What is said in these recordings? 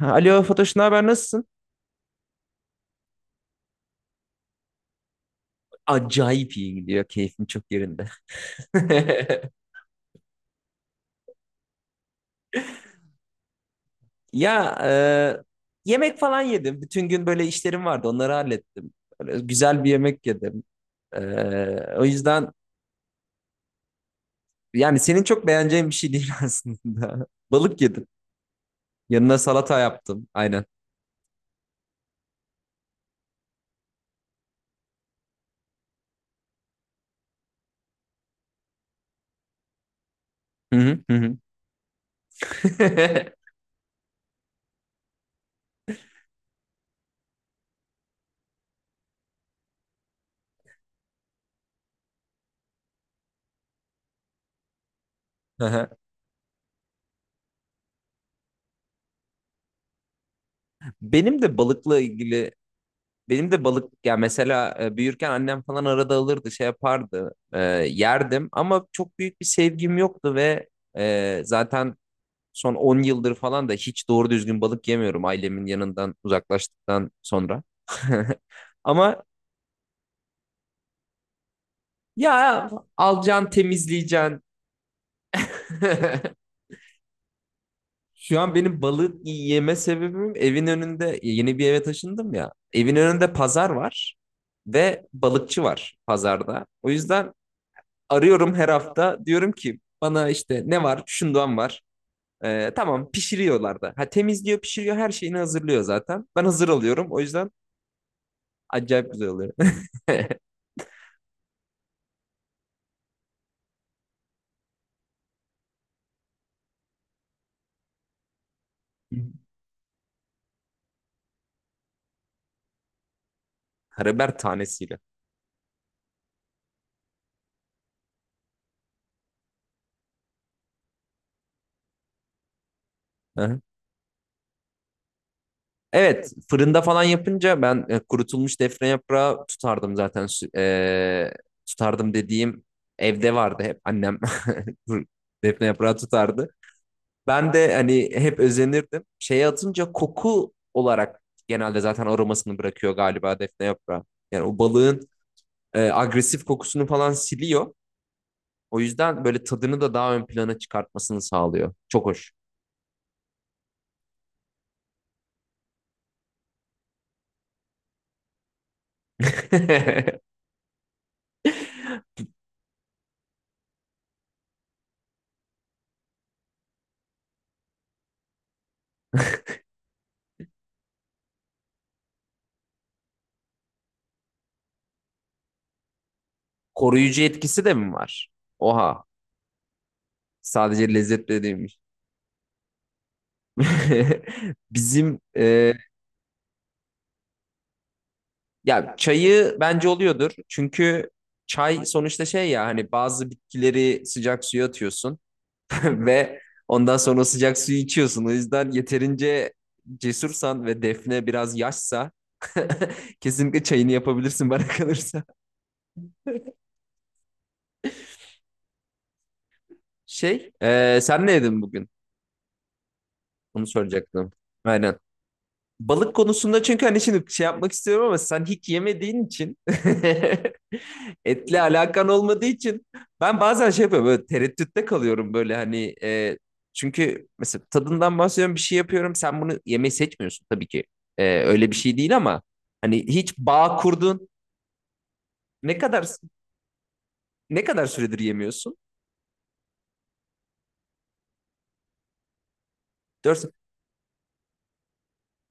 Alo Fatoş, ne haber? Nasılsın? Acayip iyi gidiyor. Keyfim çok yerinde. Ya yemek falan yedim. Bütün gün böyle işlerim vardı. Onları hallettim. Böyle güzel bir yemek yedim. E, O yüzden yani senin çok beğeneceğin bir şey değil aslında. Balık yedim. Yanına salata yaptım. Aynen. Hı hı hı. Hı. Aha. Benim de balıkla ilgili Benim de balık ya mesela büyürken annem falan arada alırdı şey yapardı yerdim ama çok büyük bir sevgim yoktu ve zaten son 10 yıldır falan da hiç doğru düzgün balık yemiyorum ailemin yanından uzaklaştıktan sonra. Ama ya alacaksın temizleyeceksin. Şu an benim balık yeme sebebim evin önünde yeni bir eve taşındım ya. Evin önünde pazar var ve balıkçı var pazarda. O yüzden arıyorum her hafta. Diyorum ki bana işte ne var? Şundan var. Tamam pişiriyorlar da. Ha, temizliyor, pişiriyor, her şeyini hazırlıyor zaten. Ben hazır alıyorum. O yüzden acayip güzel oluyor. Karabiber tanesiyle. Hı. Evet, fırında falan yapınca ben kurutulmuş defne yaprağı tutardım zaten. Tutardım dediğim evde vardı hep annem. Defne yaprağı tutardı. Ben de hani hep özenirdim. Şeye atınca koku olarak genelde zaten aromasını bırakıyor galiba defne yaprağı. Yani o balığın agresif kokusunu falan siliyor. O yüzden böyle tadını da daha ön plana çıkartmasını sağlıyor. Çok hoş. Koruyucu etkisi de mi var? Oha. Sadece lezzetli değilmiş. Bizim e, Ya çayı bence oluyordur. Çünkü çay sonuçta şey ya hani bazı bitkileri sıcak suya atıyorsun. Ve ondan sonra sıcak suyu içiyorsun. O yüzden yeterince cesursan ve Defne biraz yaşsa kesinlikle çayını yapabilirsin bana kalırsa. Sen ne yedin bugün? Onu soracaktım. Aynen. Balık konusunda çünkü hani şimdi şey yapmak istiyorum ama sen hiç yemediğin için etle alakan olmadığı için ben bazen şey yapıyorum böyle tereddütte kalıyorum böyle hani çünkü mesela tadından bahsediyorum bir şey yapıyorum sen bunu yemeyi seçmiyorsun tabii ki. Öyle bir şey değil ama hani hiç bağ kurdun, ne kadar ne kadar süredir yemiyorsun? Dört,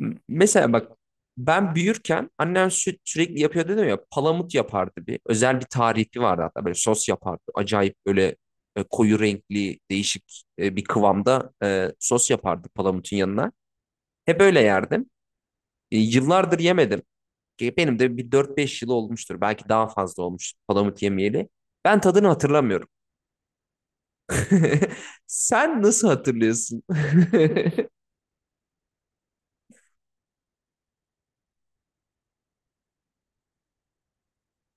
Mesela bak ben büyürken annem sürekli yapıyor dedim ya palamut yapardı bir. Özel bir tarifi vardı hatta böyle sos yapardı. Acayip böyle koyu renkli değişik bir kıvamda sos yapardı palamutun yanına. Hep öyle yerdim. Yıllardır yemedim. Benim de bir 4-5 yıl olmuştur. Belki daha fazla olmuştur palamut yemeyeli. Ben tadını hatırlamıyorum. Sen nasıl hatırlıyorsun?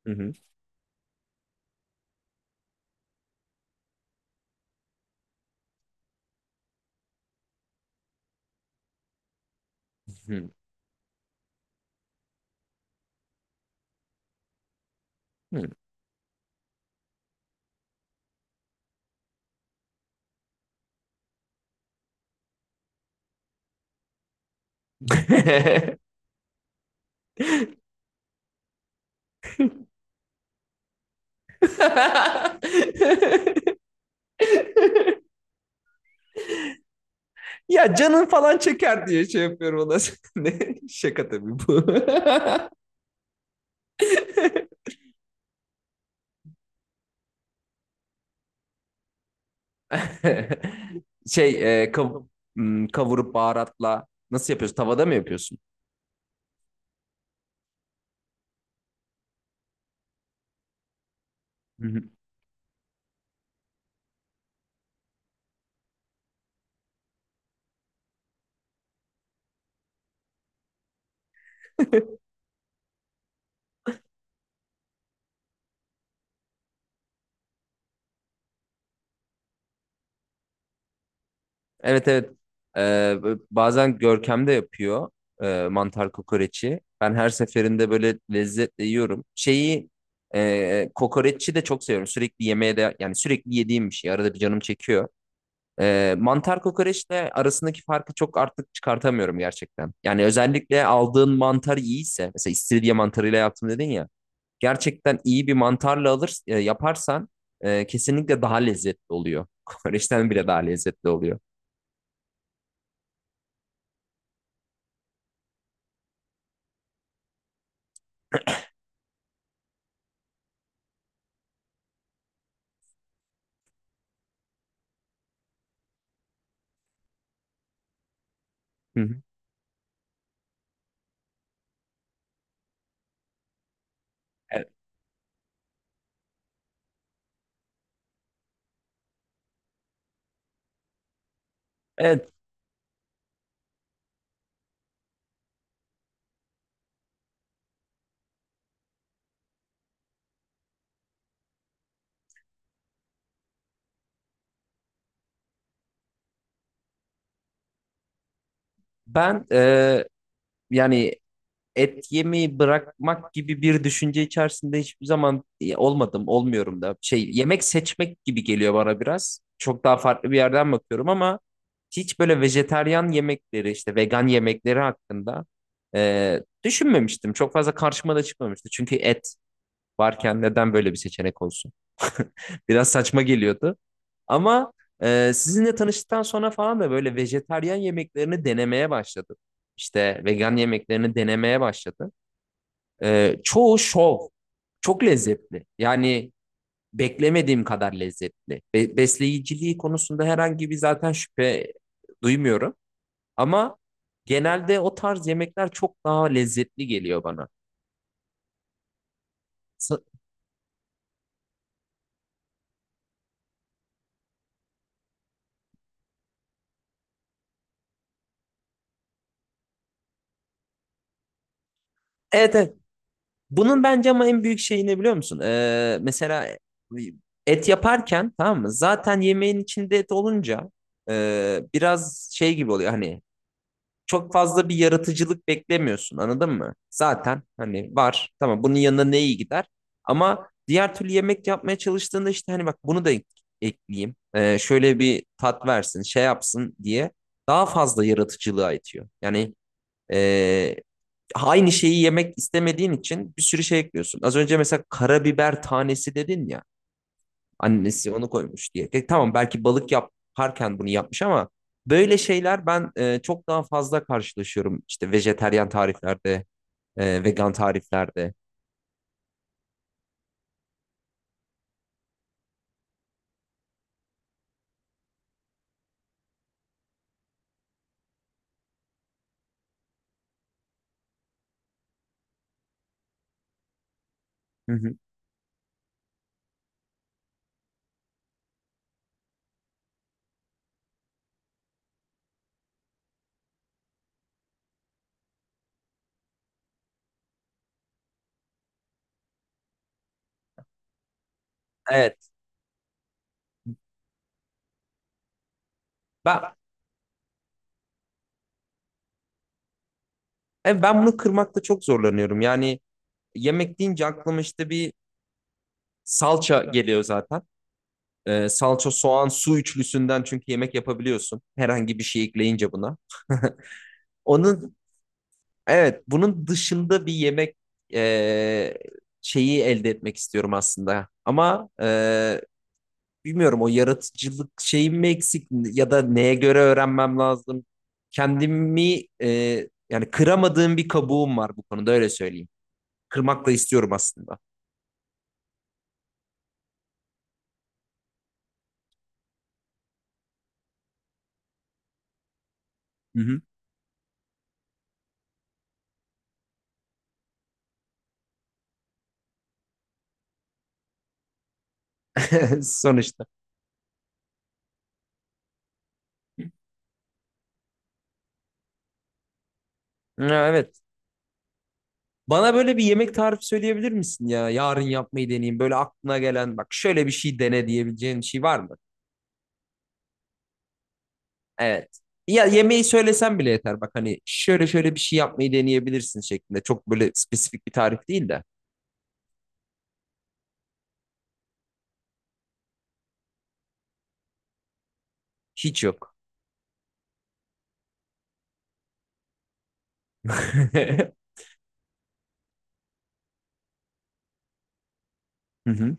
Hı hı. Hı hı. Ya canın falan çeker diye şey yapıyorum ona. Ne? Şaka tabii bu. Şey, e, kav- Kavurup baharatla nasıl yapıyorsun? Tavada mı yapıyorsun? Hı hı. Evet, evet. Ee, Bazen Görkem de yapıyor mantar kokoreçi. Ben her seferinde böyle lezzetle yiyorum. Şeyi kokoreçi de çok seviyorum. Sürekli yemeğe de yani sürekli yediğim bir şey. Arada bir canım çekiyor. Mantar kokoreçle arasındaki farkı çok artık çıkartamıyorum gerçekten. Yani özellikle aldığın mantar iyiyse, mesela istiridye mantarıyla yaptım dedin ya, gerçekten iyi bir mantarla alır, yaparsan kesinlikle daha lezzetli oluyor. Kokoreçten bile daha lezzetli oluyor. Hı hı. E- Evet, ben yani et yemeyi bırakmak gibi bir düşünce içerisinde hiçbir zaman olmadım, olmuyorum da. Şey, yemek seçmek gibi geliyor bana biraz. Çok daha farklı bir yerden bakıyorum ama hiç böyle vejetaryen yemekleri işte vegan yemekleri hakkında düşünmemiştim. Çok fazla karşıma da çıkmamıştı. Çünkü et varken neden böyle bir seçenek olsun? Biraz saçma geliyordu. Ama sizinle tanıştıktan sonra falan da böyle vejetaryen yemeklerini denemeye başladım. İşte vegan yemeklerini denemeye başladım. Çoğu şov. Çok lezzetli. Yani beklemediğim kadar lezzetli. Besleyiciliği konusunda herhangi bir zaten şüphe duymuyorum. Ama genelde o tarz yemekler çok daha lezzetli geliyor bana. Sa- Evet, evet. Bunun bence ama en büyük şeyi ne biliyor musun? Et yaparken tamam mı? Zaten yemeğin içinde et olunca biraz şey gibi oluyor hani çok fazla bir yaratıcılık beklemiyorsun anladın mı? Zaten hani var tamam bunun yanına ne iyi gider ama diğer türlü yemek yapmaya çalıştığında işte hani bak bunu da ekleyeyim. Şöyle bir tat versin şey yapsın diye daha fazla yaratıcılığa itiyor. Yani e, aynı şeyi yemek istemediğin için bir sürü şey ekliyorsun. Az önce mesela karabiber tanesi dedin ya. Annesi onu koymuş diye. E, tamam belki balık yaparken bunu yapmış ama böyle şeyler ben çok daha fazla karşılaşıyorum. İşte vejeteryan tariflerde, vegan tariflerde. Hı hı. Evet. Ben Ben bunu kırmakta çok zorlanıyorum. Yani yemek deyince aklıma işte bir salça geliyor zaten. E, salça, soğan, su üçlüsünden çünkü yemek yapabiliyorsun. Herhangi bir şey ekleyince buna. Onun Evet, bunun dışında bir yemek eee, şeyi elde etmek istiyorum aslında. Ama bilmiyorum o yaratıcılık şeyim mi eksik ya da neye göre öğrenmem lazım. Kendimi yani kıramadığım bir kabuğum var bu konuda öyle söyleyeyim. Kırmak da istiyorum aslında. Hı hı. Sonuçta. Ha, evet. Bana böyle bir yemek tarifi söyleyebilir misin ya? Yarın yapmayı deneyeyim. Böyle aklına gelen bak şöyle bir şey dene diyebileceğin bir şey var mı? Evet. Ya yemeği söylesen bile yeter. Bak hani şöyle şöyle bir şey yapmayı deneyebilirsin şeklinde. Çok böyle spesifik bir tarif değil de. Hiç yok. Hı hı.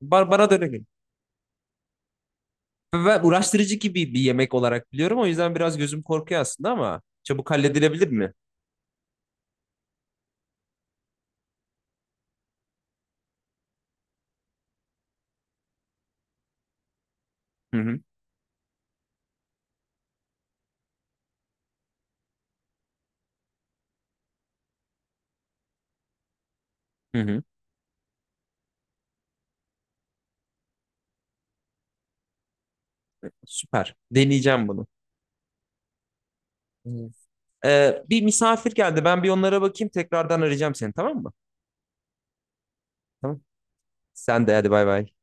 Bana da öyle geliyor. Ben uğraştırıcı gibi bir yemek olarak biliyorum. O yüzden biraz gözüm korkuyor aslında ama çabuk halledilebilir mi? Hı hı. Hı hı. Süper. Deneyeceğim bunu. Evet. Bir misafir geldi. Ben bir onlara bakayım. Tekrardan arayacağım seni tamam mı? Tamam. Sen de hadi bay bay.